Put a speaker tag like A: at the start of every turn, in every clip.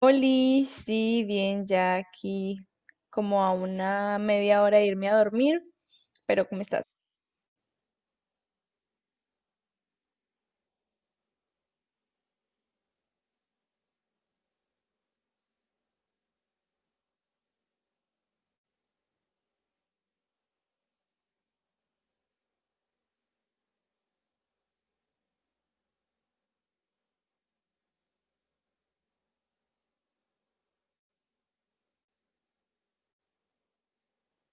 A: Oli, sí, bien, ya aquí como a una media hora de irme a dormir, pero ¿cómo estás?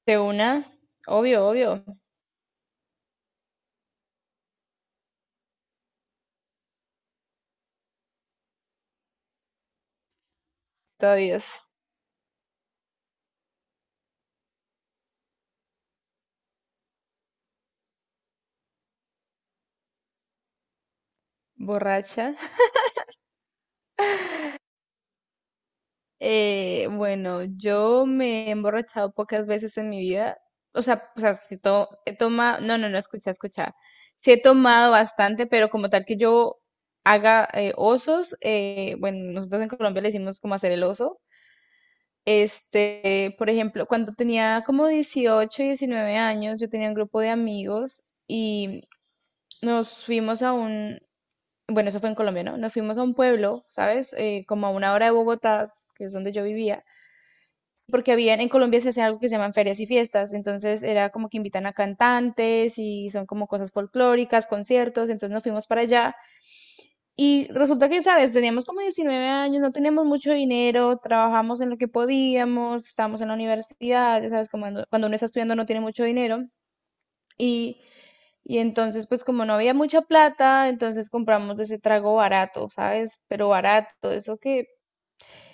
A: De una, obvio, obvio, todavía es borracha. Bueno, yo me he emborrachado pocas veces en mi vida, o sea, he tomado, no, no, no, escucha, escucha, sí he tomado bastante, pero como tal que yo haga osos, bueno, nosotros en Colombia le decimos como hacer el oso. Por ejemplo, cuando tenía como 18 19 años, yo tenía un grupo de amigos y nos fuimos a un, bueno, eso fue en Colombia, ¿no? Nos fuimos a un pueblo, ¿sabes? Como a una hora de Bogotá, que es donde yo vivía, porque había, en Colombia se hace algo que se llaman ferias y fiestas, entonces era como que invitan a cantantes y son como cosas folclóricas, conciertos, entonces nos fuimos para allá y resulta que, ¿sabes? Teníamos como 19 años, no teníamos mucho dinero, trabajamos en lo que podíamos, estábamos en la universidad, ya ¿sabes? Como cuando uno está estudiando no tiene mucho dinero. Y, y entonces, pues como no había mucha plata, entonces compramos de ese trago barato, ¿sabes? Pero barato, eso que.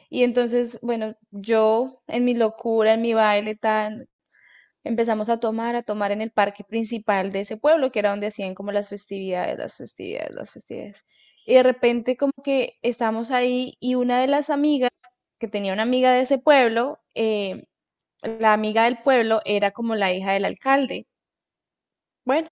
A: Y entonces, bueno, yo en mi locura, en mi baile tan. Empezamos a tomar en el parque principal de ese pueblo, que era donde hacían como las festividades, las festividades, las festividades. Y de repente como que estábamos ahí y una de las amigas, que tenía una amiga de ese pueblo, la amiga del pueblo era como la hija del alcalde. Bueno,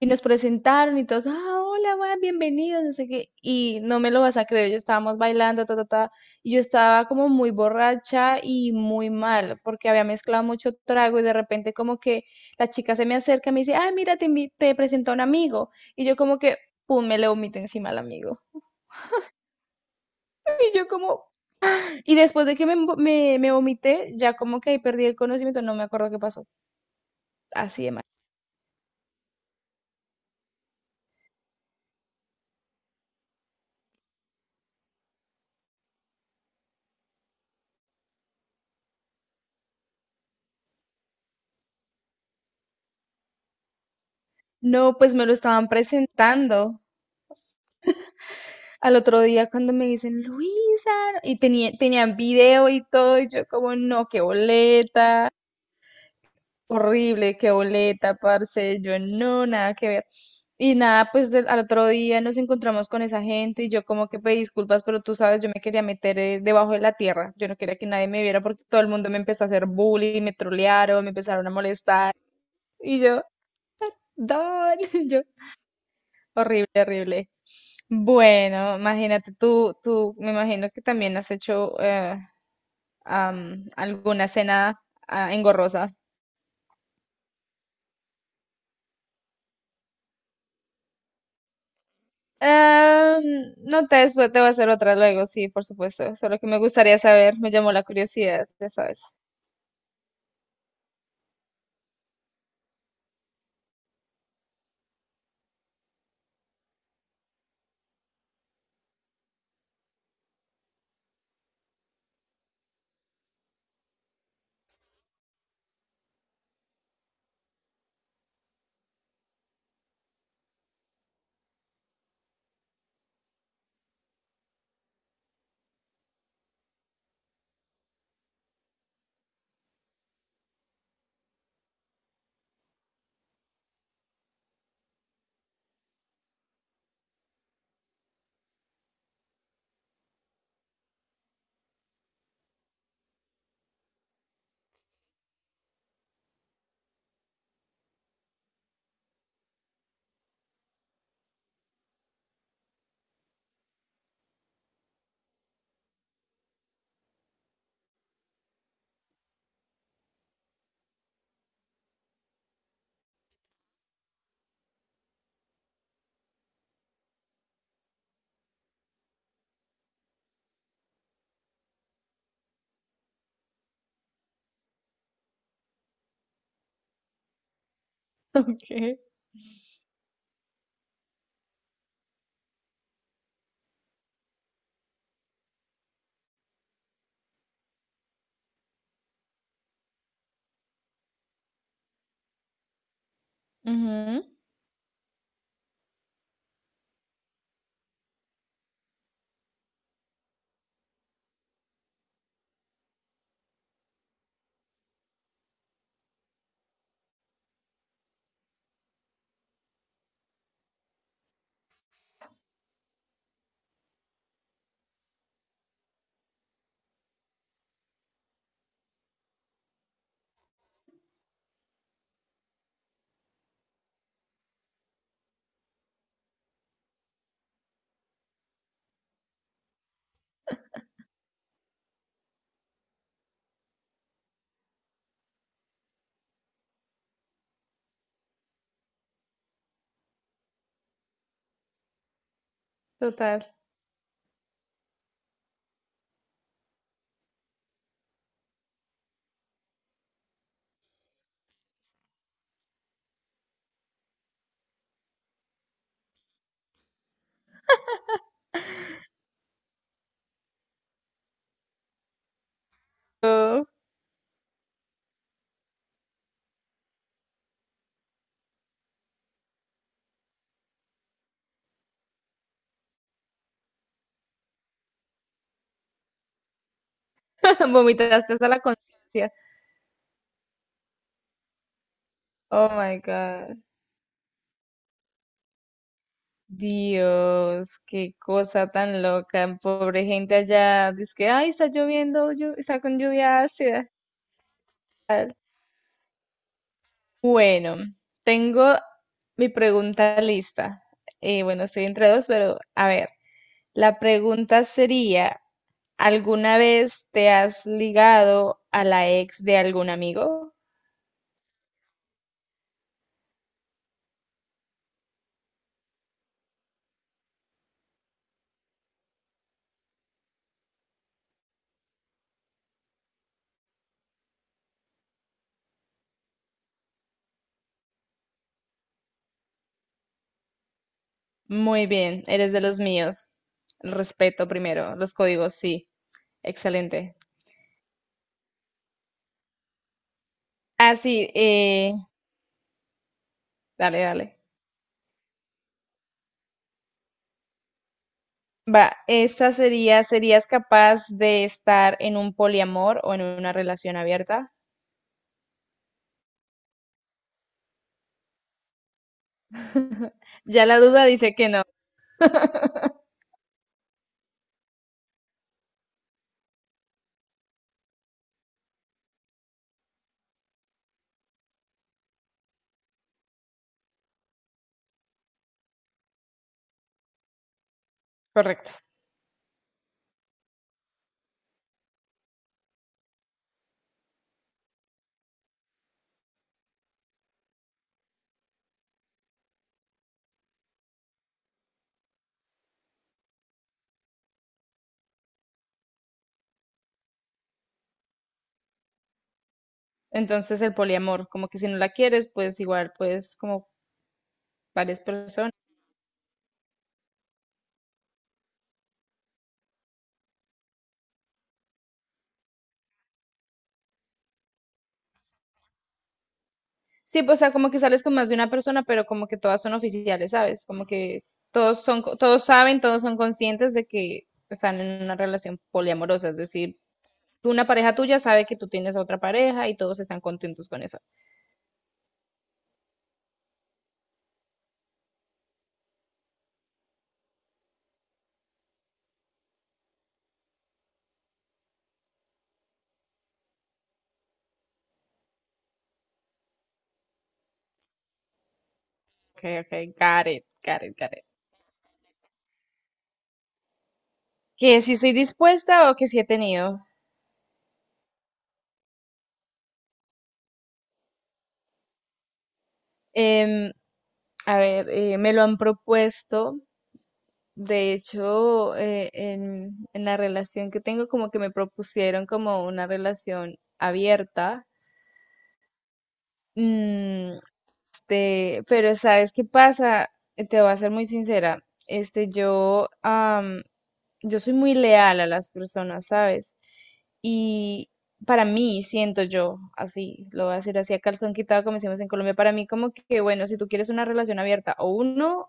A: y nos presentaron y todos, ah, hola, weón, bienvenidos, no sé qué. Y no me lo vas a creer, yo estábamos bailando, ta, ta, ta. Y yo estaba como muy borracha y muy mal, porque había mezclado mucho trago y de repente como que la chica se me acerca y me dice, ah, mira, te, invi- te presento a un amigo. Y yo como que, pum, me le vomité encima al amigo. Y yo como, y después de que me vomité, ya como que ahí perdí el conocimiento, no me acuerdo qué pasó. Así de mal. No, pues me lo estaban presentando. Al otro día cuando me dicen, Luisa, y tenía, tenían video y todo, y yo como, no, qué boleta, horrible, qué boleta, parce, yo no, nada que ver. Y nada, pues al otro día nos encontramos con esa gente y yo como que pedí disculpas, pero tú sabes, yo me quería meter debajo de la tierra, yo no quería que nadie me viera porque todo el mundo me empezó a hacer bullying, me trolearon, me empezaron a molestar, y yo, Don, yo, horrible, horrible. Bueno, imagínate tú, me imagino que también has hecho alguna cena engorrosa. Ah, no te, después te voy a hacer otra luego, sí, por supuesto. Solo que me gustaría saber, me llamó la curiosidad, ya sabes. Ok. Ujú, total. Vomitaste hasta la conciencia. Oh my God. Dios, qué cosa tan loca. Pobre gente allá. Dice que, ay, está lloviendo, está con lluvia ácida. Ah, Bueno, tengo mi pregunta lista. Bueno, estoy entre dos, pero a ver, la pregunta sería, ¿alguna vez te has ligado a la ex de algún amigo? Muy bien, eres de los míos. El respeto primero, los códigos, sí. Excelente. Sí, dale, dale. Va, esta sería, ¿serías capaz de estar en un poliamor o en una relación abierta? Ya la duda dice que no. Correcto. Entonces el poliamor, como que si no la quieres, pues igual pues como varias personas. Sí, pues, o sea, como que sales con más de una persona, pero como que todas son oficiales, ¿sabes? Como que todos son, todos saben, todos son conscientes de que están en una relación poliamorosa, es decir, una pareja tuya sabe que tú tienes otra pareja y todos están contentos con eso. Ok, ok, got it, got it, got it. Que si soy dispuesta o que si he tenido. Em, a ver, me lo han propuesto. De hecho, en la relación que tengo, como que me propusieron como una relación abierta. Mm, pero ¿sabes qué pasa? Te voy a ser muy sincera. Yo soy muy leal a las personas, ¿sabes? Y para mí, siento yo, así, lo voy a decir así a calzón quitado, como decimos en Colombia, para mí como que, bueno, si tú quieres una relación abierta, o uno,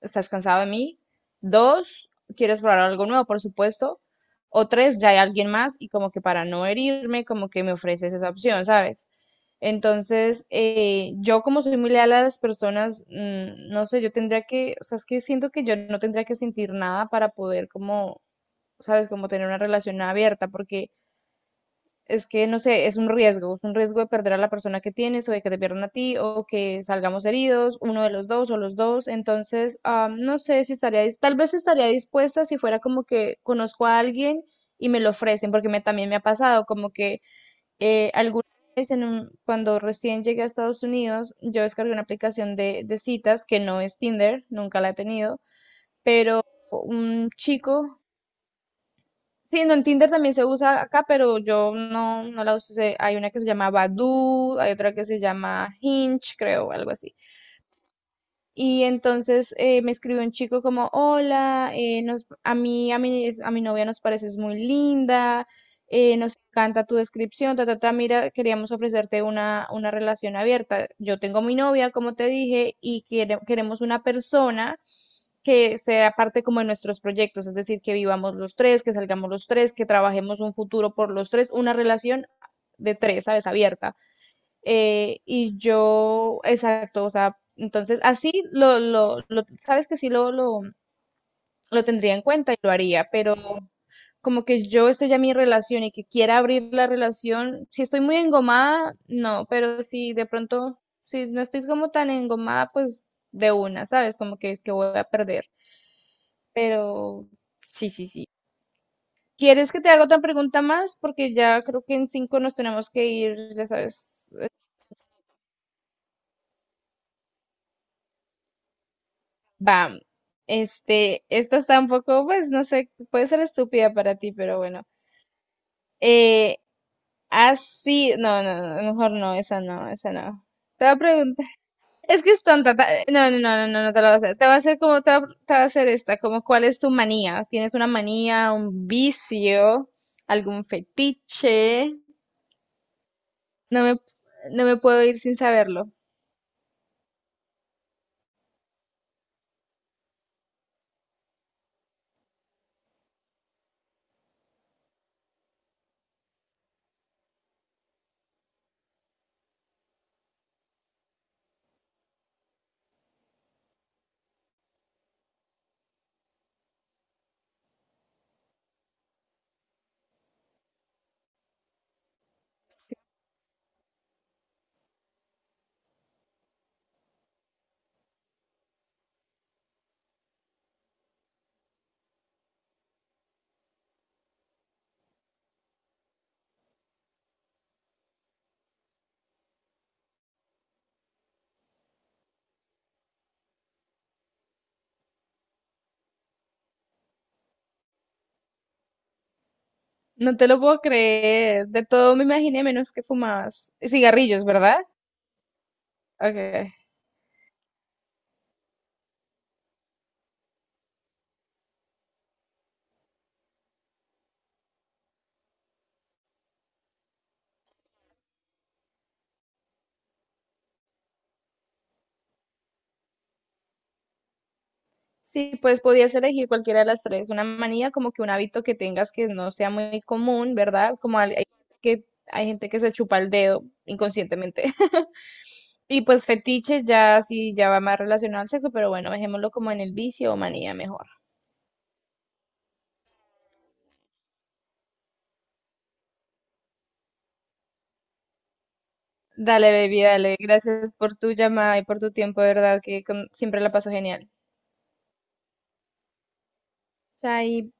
A: estás cansado de mí, dos, quieres probar algo nuevo, por supuesto, o tres, ya hay alguien más y como que para no herirme, como que me ofreces esa opción, ¿sabes? Entonces, yo como soy muy leal a las personas, no sé, yo tendría que, o sea, es que siento que yo no tendría que sentir nada para poder como, sabes, como tener una relación abierta, porque es que, no sé, es un riesgo de perder a la persona que tienes o de que te pierdan a ti o que salgamos heridos, uno de los dos o los dos. Entonces, no sé si estaría, tal vez estaría dispuesta si fuera como que conozco a alguien y me lo ofrecen, porque me, también me ha pasado como que alguna vez en cuando recién llegué a Estados Unidos, yo descargué una aplicación de citas que no es Tinder, nunca la he tenido, pero un chico, sí, no, en Tinder también se usa acá, pero yo no, no la uso. Hay una que se llama Badoo, hay otra que se llama Hinge, creo, algo así. Y entonces me escribió un chico como, hola, nos, a mí, a mi novia nos pareces muy linda, nos encanta tu descripción, ta, ta, ta, mira, queríamos ofrecerte una relación abierta. Yo tengo mi novia, como te dije, y queremos una persona que sea parte como de nuestros proyectos, es decir, que vivamos los tres, que salgamos los tres, que trabajemos un futuro por los tres, una relación de tres, ¿sabes? Abierta y yo, exacto, o sea, entonces así sabes que sí lo tendría en cuenta y lo haría, pero como que yo esté ya mi relación y que quiera abrir la relación, si estoy muy engomada, no, pero si de pronto, si no estoy como tan engomada, pues de una, ¿sabes? Como que voy a perder, pero sí, sí, sí. ¿Quieres que te haga otra pregunta más? Porque ya creo que en cinco nos tenemos que ir, ya sabes. Bam. Esta está un poco, pues, no sé, puede ser estúpida para ti, pero bueno. Eh, Así, no, no, no, mejor no, esa no, esa no. Te voy a preguntar, es que es tonta, no, no, no, no, no, no te la voy a hacer. Te va a hacer como, te va a hacer esta, como, ¿cuál es tu manía? ¿Tienes una manía, un vicio, algún fetiche? No me, no me puedo ir sin saberlo. No te lo puedo creer. De todo me imaginé menos que fumabas cigarrillos, ¿verdad? Ok. Sí, pues podías elegir cualquiera de las tres, una manía como que un hábito que tengas que no sea muy común, ¿verdad? Como que hay gente que se chupa el dedo inconscientemente. Y pues fetiches ya sí ya va más relacionado al sexo, pero bueno, dejémoslo como en el vicio o manía mejor. Dale, baby, dale. Gracias por tu llamada y por tu tiempo, de verdad que siempre la paso genial. Chai.